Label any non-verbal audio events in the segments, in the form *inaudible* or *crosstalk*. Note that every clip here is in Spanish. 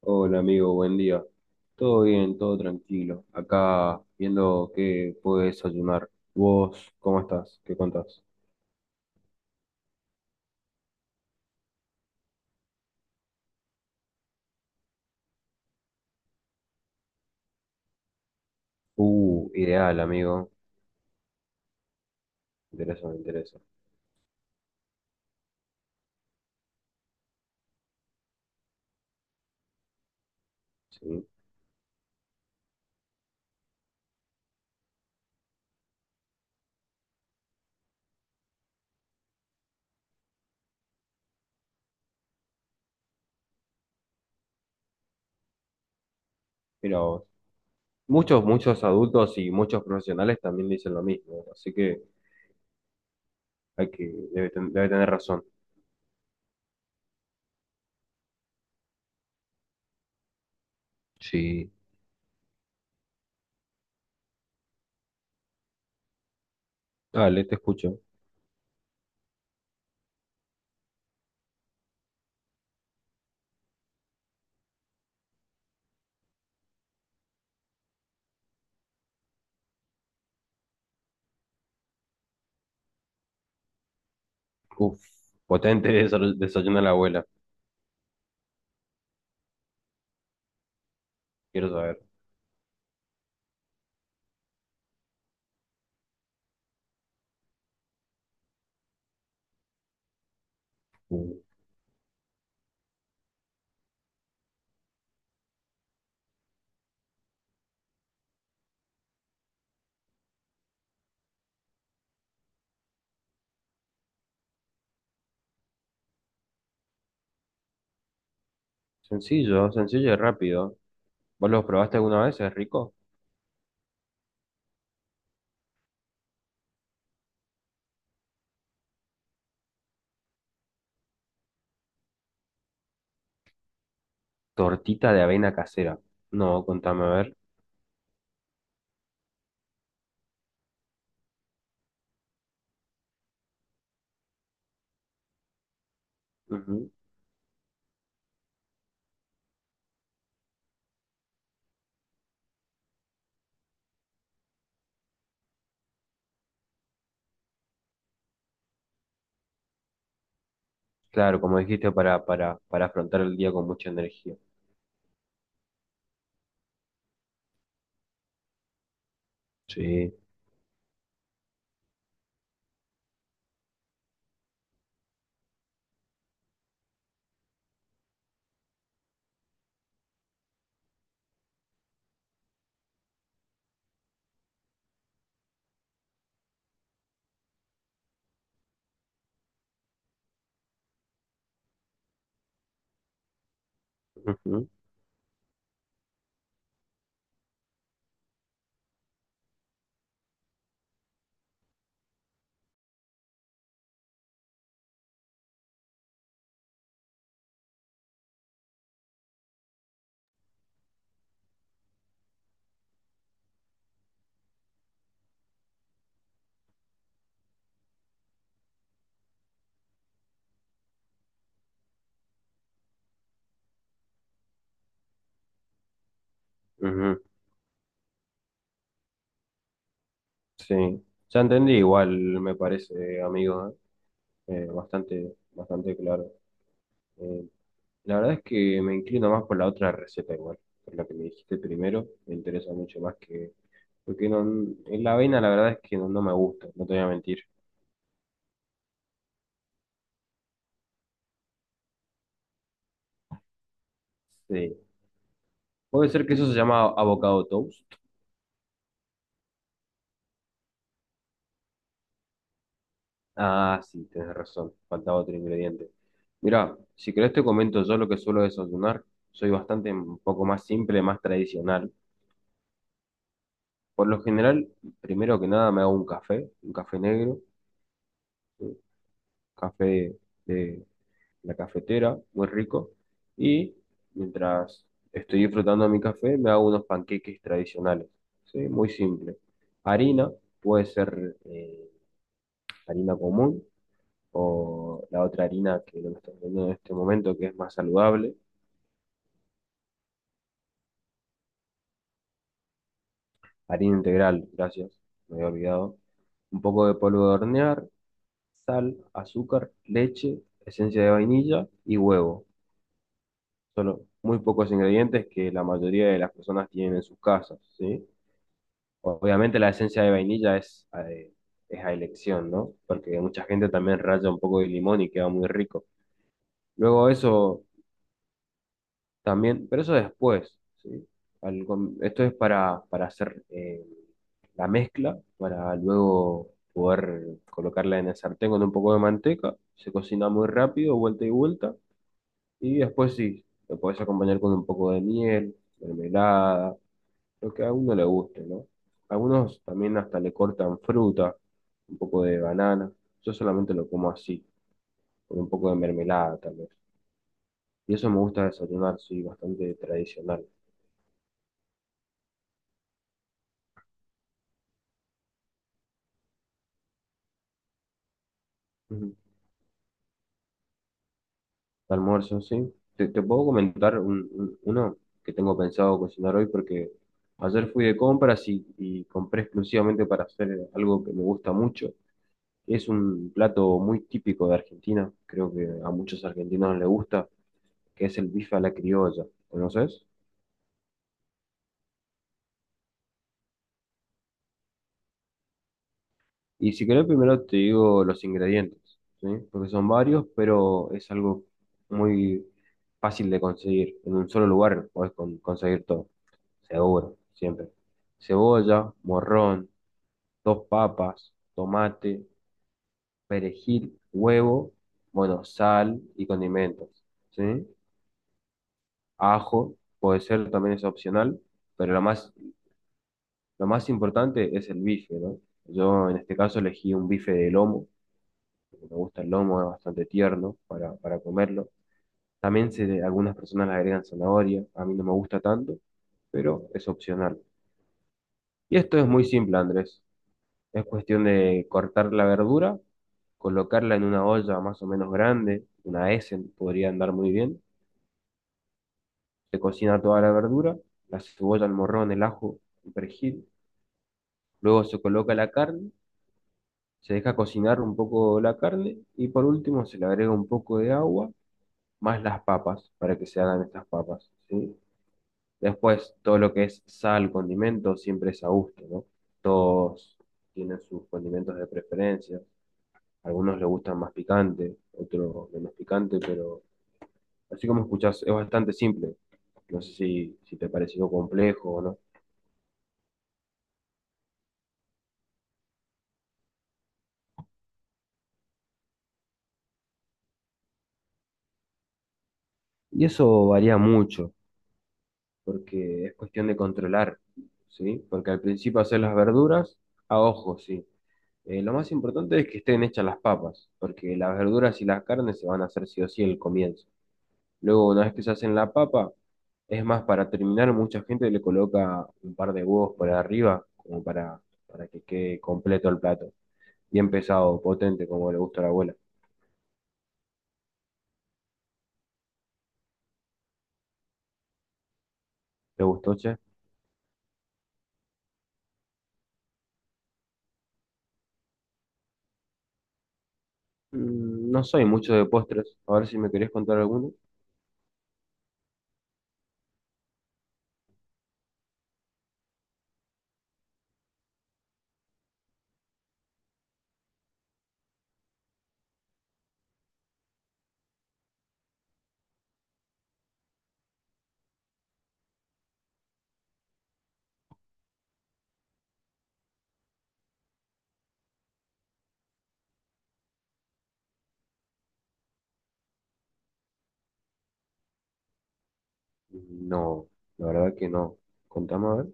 Hola amigo, buen día. Todo bien, todo tranquilo. Acá viendo qué puedo desayunar. ¿Vos cómo estás? ¿Qué contás? Ideal, amigo. Me interesa, me interesa. Sí. Mira vos. Muchos, muchos adultos y muchos profesionales también dicen lo mismo, así que hay debe tener razón. Sí. Dale, te escucho. Uf, potente desayuno a la abuela. Quiero saber. Uh. Sencillo, sencillo y rápido. ¿Vos los probaste alguna vez? ¿Es rico? Tortita de avena casera. No, contame, a ver. Ujú. Claro, como dijiste, para afrontar el día con mucha energía. Sí. Ujú, ujú, sí. Ya entendí igual, me parece, amigo, ¿eh? Bastante, bastante claro. Eh, la verdad es que me inclino más por la otra receta igual, por la que me dijiste primero, me interesa mucho más que… Porque no, en la avena la verdad es que no, no me gusta, no te voy a mentir. Sí. Puede ser que eso se llama avocado toast. Ah, sí, tienes razón. Faltaba otro ingrediente. Mira, si querés te comento yo lo que suelo desayunar. Soy bastante un poco más simple, más tradicional. Por lo general, primero que nada me hago un café negro, un café de la cafetera, muy rico. Y mientras estoy disfrutando mi café, me hago unos panqueques tradicionales. Sí, muy simple. Harina, puede ser harina común o la otra harina que no me está vendiendo en este momento, que es más saludable, harina integral, gracias, me había olvidado, un poco de polvo de hornear, sal, azúcar, leche, esencia de vainilla y huevo. Solo muy pocos ingredientes que la mayoría de las personas tienen en sus casas, ¿sí? Obviamente la esencia de vainilla es a elección, ¿no? Porque mucha gente también raya un poco de limón y queda muy rico. Luego eso también, pero eso después, ¿sí? Esto es para hacer la mezcla, para luego poder colocarla en el sartén con un poco de manteca, se cocina muy rápido, vuelta y vuelta, y después sí, lo podés acompañar con un poco de miel, mermelada, lo que a uno le guste, ¿no? Algunos también hasta le cortan fruta, un poco de banana, yo solamente lo como así, con un poco de mermelada tal vez. Y eso me gusta desayunar, sí, bastante tradicional. Ujú. Almuerzo, sí. Te puedo comentar uno que tengo pensado cocinar hoy porque ayer fui de compras y compré exclusivamente para hacer algo que me gusta mucho. Es un plato muy típico de Argentina, creo que a muchos argentinos les gusta, que es el bife a la criolla. ¿Conoces? Y si querés, primero te digo los ingredientes, ¿sí? Porque son varios, pero es algo muy fácil de conseguir. En un solo lugar podés conseguir todo, seguro, siempre. Cebolla, morrón, dos papas, tomate, perejil, huevo, bueno, sal y condimentos, ¿sí? Ajo, puede ser, también es opcional, pero lo más importante es el bife, ¿no? Yo en este caso elegí un bife de lomo porque me gusta el lomo, es bastante tierno para comerlo. También algunas personas le agregan zanahoria, a mí no me gusta tanto, pero es opcional. Y esto es muy simple, Andrés. Es cuestión de cortar la verdura, colocarla en una olla más o menos grande, una Essen podría andar muy bien. Se cocina toda la verdura, la cebolla, el morrón, el ajo, el perejil. Luego se coloca la carne, se deja cocinar un poco la carne y por último se le agrega un poco de agua más las papas para que se hagan estas papas, ¿sí? Después, todo lo que es sal, condimento, siempre es a gusto, ¿no? Todos tienen sus condimentos de preferencia. Algunos les gustan más picante, otros menos picante, pero así como escuchás, es bastante simple. No sé si, si te pareció complejo o no. Y eso varía mucho, porque es cuestión de controlar, ¿sí? Porque al principio hacer las verduras a ojo, sí. Lo más importante es que estén hechas las papas, porque las verduras y las carnes se van a hacer sí o sí el comienzo. Luego, una vez que se hacen la papa, es más, para terminar, mucha gente le coloca un par de huevos por arriba, como para que quede completo el plato. Bien pesado, potente, como le gusta a la abuela. ¿Te gustó, che? Mm, no soy mucho de postres. A ver si me querés contar alguno. No, la verdad que no. Contame a ver.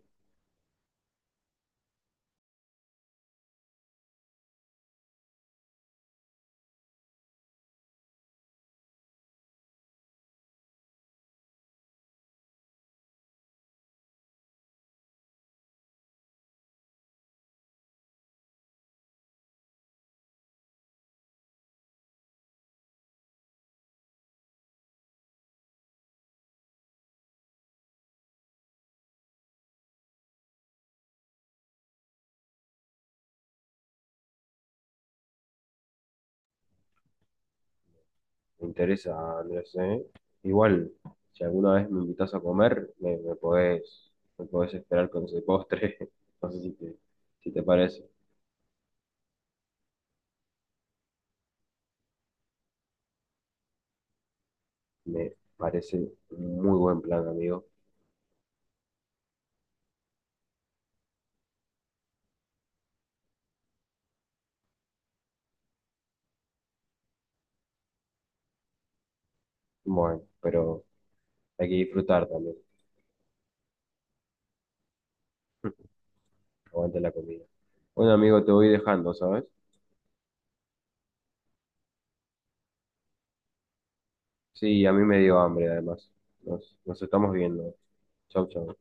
Me interesa, Andrés, ¿eh? Igual, si alguna vez me invitas a comer, me podés esperar con ese postre. *laughs* No sé si te parece. Me parece un muy buen plan, amigo. Bueno, pero hay que disfrutar también. Aguante la comida. Bueno, amigo, te voy dejando, ¿sabes? Sí, a mí me dio hambre, además. Nos estamos viendo. Chau, chau.